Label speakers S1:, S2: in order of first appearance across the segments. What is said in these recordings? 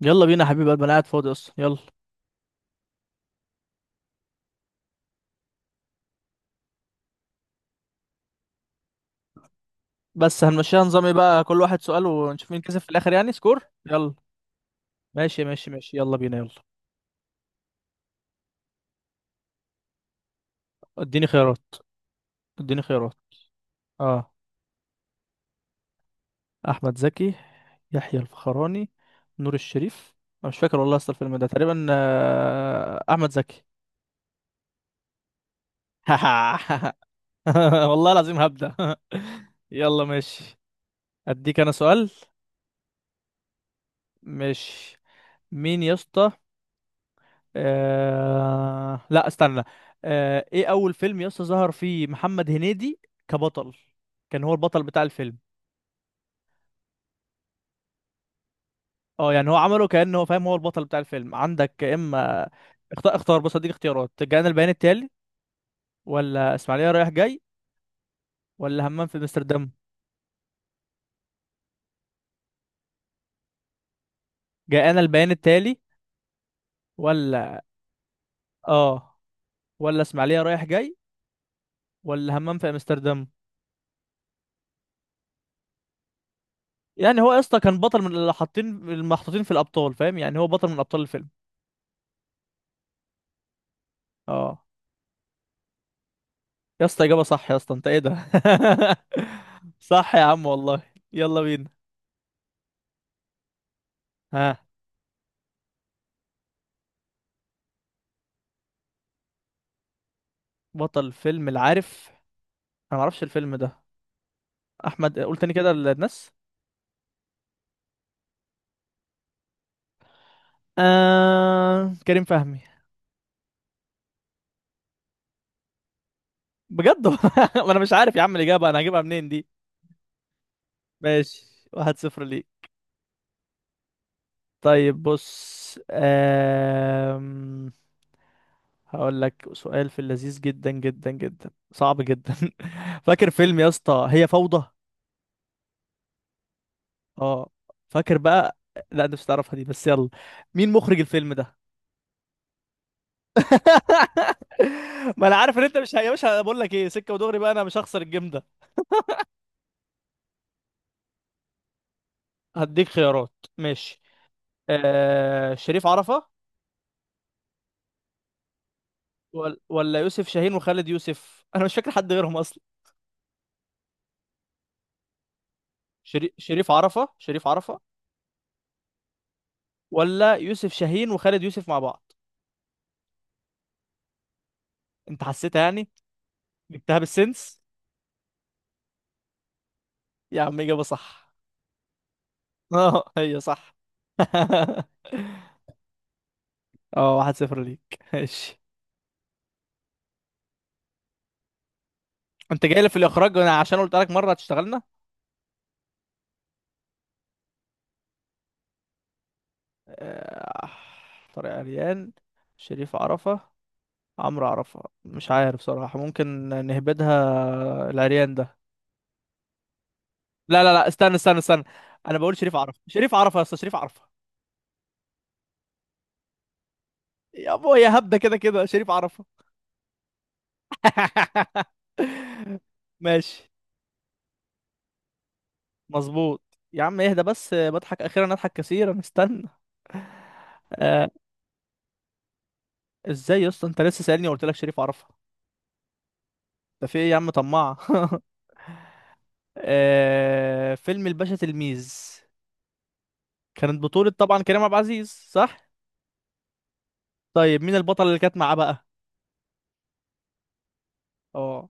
S1: يلا بينا يا حبيب قلبي، انا قاعد فاضي اصلا. يلا، بس هنمشيها نظام ايه بقى؟ كل واحد سؤال، ونشوف مين كسب في الاخر، يعني سكور. يلا ماشي ماشي ماشي، يلا بينا يلا. اديني خيارات، اديني خيارات. اه، احمد زكي يحيى الفخراني نور الشريف. انا مش فاكر والله، اصل الفيلم ده تقريبا احمد زكي. والله العظيم هبدأ. يلا ماشي. اديك انا سؤال. ماشي، مين يا اسطى؟ لا استنى. ايه اول فيلم يسطا ظهر فيه محمد هنيدي كبطل؟ كان هو البطل بتاع الفيلم. اه يعني هو عمله كأنه هو، فاهم، هو البطل بتاع الفيلم. عندك يا اما، اختار اختار، بص اديك اختيارات. جاءنا البيان التالي، ولا اسماعيليه رايح جاي، ولا همام في امستردام. جاءنا البيان التالي ولا اه، ولا اسماعيليه رايح جاي، ولا همام في امستردام. يعني هو يا اسطى كان بطل، من اللي حاطين المحطوطين في الابطال، فاهم؟ يعني هو بطل من ابطال الفيلم. اه يا اسطى، اجابه صح يا اسطى، انت ايه ده؟ صح يا عم والله. يلا بينا. ها، بطل فيلم العارف؟ انا معرفش الفيلم ده. احمد، قول تاني كده للناس. كريم فهمي. بجد؟ ما انا مش عارف يا عم الاجابه، انا هجيبها منين دي؟ ماشي، واحد صفر ليك. طيب بص، هقول لك سؤال في اللذيذ، جدا جدا جدا صعب جدا. فاكر فيلم يا اسطى هي فوضى؟ اه، فاكر بقى. لا انت مش هتعرفها دي، بس يلا، مين مخرج الفيلم ده؟ ما انا عارف ان انت مش يا باشا، أنا بقول لك ايه، سكه ودغري بقى، انا مش هخسر الجيم ده. هديك خيارات ماشي. آه، شريف عرفه، ولا يوسف شاهين وخالد يوسف. انا مش فاكر حد غيرهم اصلا. شريف عرفه شريف عرفه، ولا يوسف شاهين وخالد يوسف مع بعض؟ انت حسيتها يعني، جبتها بالسنس. يا عم اجابه صح. اه هي صح. اه، واحد صفر ليك ماشي. انت جاي لي في الاخراج؟ انا عشان قلت لك مره هتشتغلنا. آه، طارق عريان شريف عرفه عمرو عرفه، مش عارف صراحه، ممكن نهبدها العريان ده. لا لا لا، استنى استنى استنى، انا بقول شريف عرفه شريف عرفه يا اسطى، شريف عرفه. يا ابويا يا هبده، كده كده شريف عرفه. ماشي مظبوط. يا عم اهدى بس، بضحك اخيرا، اضحك كثيرا، استنى. آه، ازاي يا اسطى؟ انت لسه سألني وقلت لك شريف عرفه. ده في ايه يا عم طماع؟ آه، فيلم الباشا تلميذ، كانت بطولة طبعا كريم عبد العزيز، صح؟ طيب مين البطلة اللي كانت معاه بقى؟ اه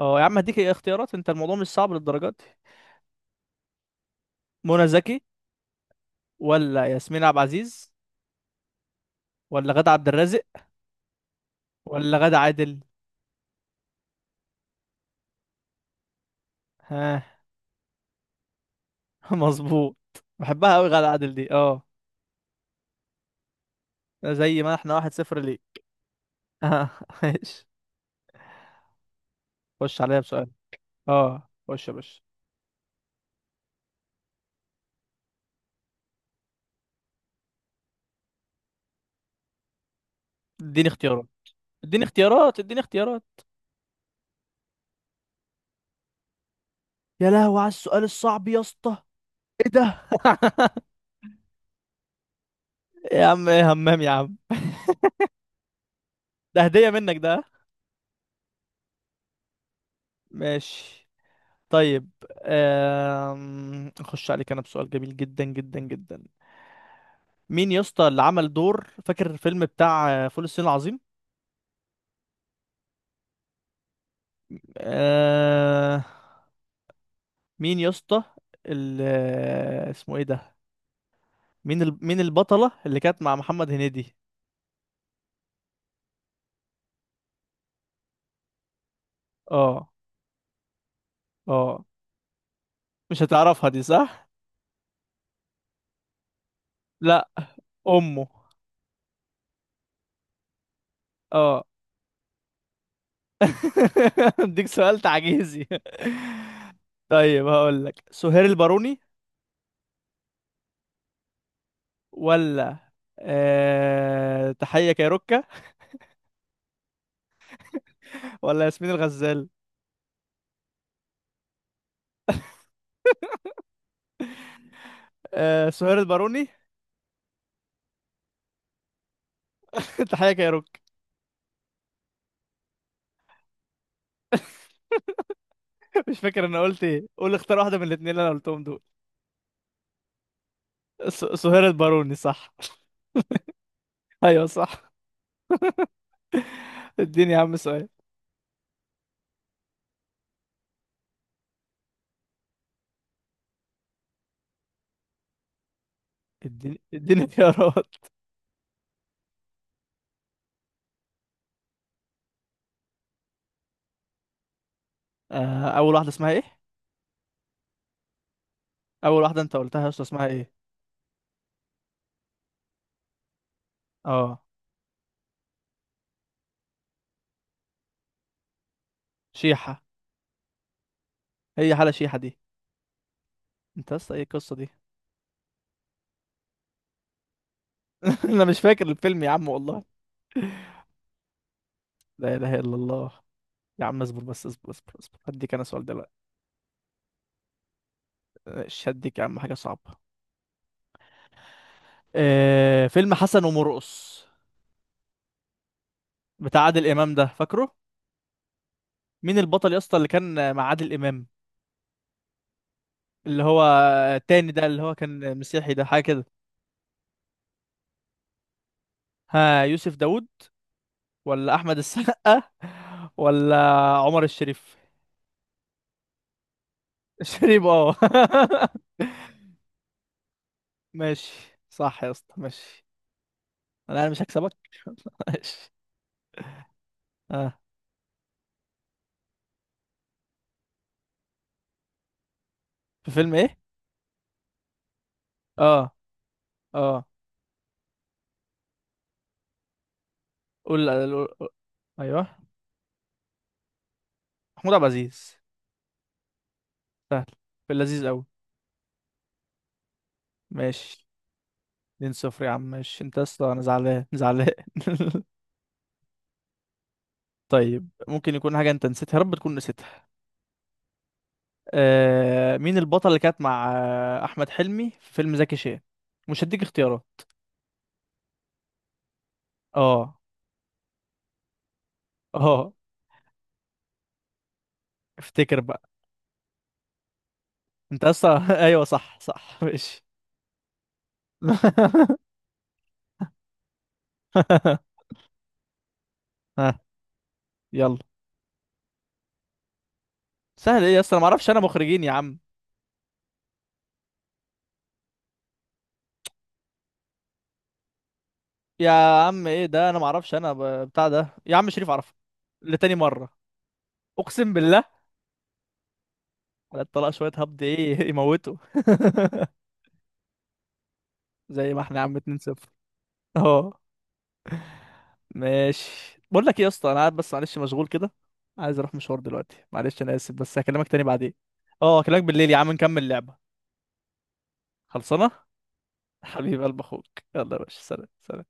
S1: اه، يا عم هديك اختيارات، انت الموضوع مش صعب للدرجات دي. منى زكي، ولا ياسمين عبد العزيز، ولا غادة عبد الرازق، ولا غادة عادل؟ ها؟ مظبوط، بحبها قوي غادة عادل دي، اه. زي ما احنا، واحد صفر ليه. اه ماشي، خش عليا بسؤال. اه خش يا باشا. اديني اختيارات، اديني اختيارات، اديني اختيارات. يا لهوي على السؤال الصعب يا اسطى! ايه ده؟ يا عم ايه، همام يا عم. ده هدية منك ده. ماشي طيب. اخش عليك انا بسؤال جميل جدا جدا جدا. مين يا اسطى اللي عمل دور، فاكر الفيلم بتاع فول الصين العظيم؟ أه... مين يا اسطى؟ ال... آه، اسمه ايه ده؟ مين مين البطلة اللي كانت مع محمد هنيدي؟ اه اه، مش هتعرفها دي صح؟ لا، امه. اه. اديك سؤال تعجيزي. طيب هقول لك، سهير الباروني، ولا تحية كايروكا، ولا ياسمين الغزال؟ سهير الباروني. تحية كايروكا؟ مش فاكر انا قلت ايه، قول اختار واحدة من الاتنين اللي انا قلتهم دول. سهير الباروني صح. ايوه صح. اديني يا عم سؤال. اديني اديني خيارات. اول واحدة اسمها ايه؟ اول واحدة انت قلتها يا اسطى اسمها ايه؟ اه، شيحة. هي حالة شيحة دي؟ انت يا اسطى ايه القصة دي؟ انا مش فاكر الفيلم يا عم والله. لا اله الا الله. يا عم اصبر بس، اصبر اصبر اصبر، هديك انا سؤال دلوقتي. شدك يا عم، حاجة صعبة. آه، فيلم حسن ومرقص، بتاع عادل إمام ده، فاكره؟ مين البطل يا اسطى اللي كان مع عادل إمام؟ اللي هو التاني ده، اللي هو كان مسيحي ده، حاجة كده. ها، يوسف داوود، ولا أحمد السقا، ولا عمر الشريف؟ الشريف اه. ماشي، صح يا اسطى ماشي. أنا مش هكسبك. ماشي. اه، في فيلم ايه؟ اه اه، قول قول- قول- ايوه، محمود عبد العزيز. سهل، في اللذيذ قوي. ماشي، 2 صفر يا عم ماشي، انت يا اسطى، انا زعلان زعلان. طيب، ممكن يكون حاجة انت نسيتها، يا رب تكون نسيتها. آه، مين البطل اللي كانت مع احمد حلمي في فيلم زكي شان؟ مش هديك اختيارات. اه اه، افتكر بقى. انت اصلا ايوه صح صح ماشي. ها، يلا. سهل ايه يا اسطى؟ انا ما اعرفش انا مخرجين يا عم. يا عم ايه ده؟ انا ما اعرفش انا، بتاع ده يا عم، شريف عرفه لتاني مرة، اقسم بالله. طلع شوية هبد، ايه يموتوا. زي ما احنا يا عم، 2-0. اه ماشي، بقول لك ايه يا اسطى، انا قاعد بس معلش، مشغول كده. عايز اروح مشوار دلوقتي معلش، انا اسف، بس هكلمك تاني بعدين. اه هكلمك بالليل يا عم، نكمل لعبة. خلصانة. حبيب قلب اخوك. يلا يا باشا، سلام سلام.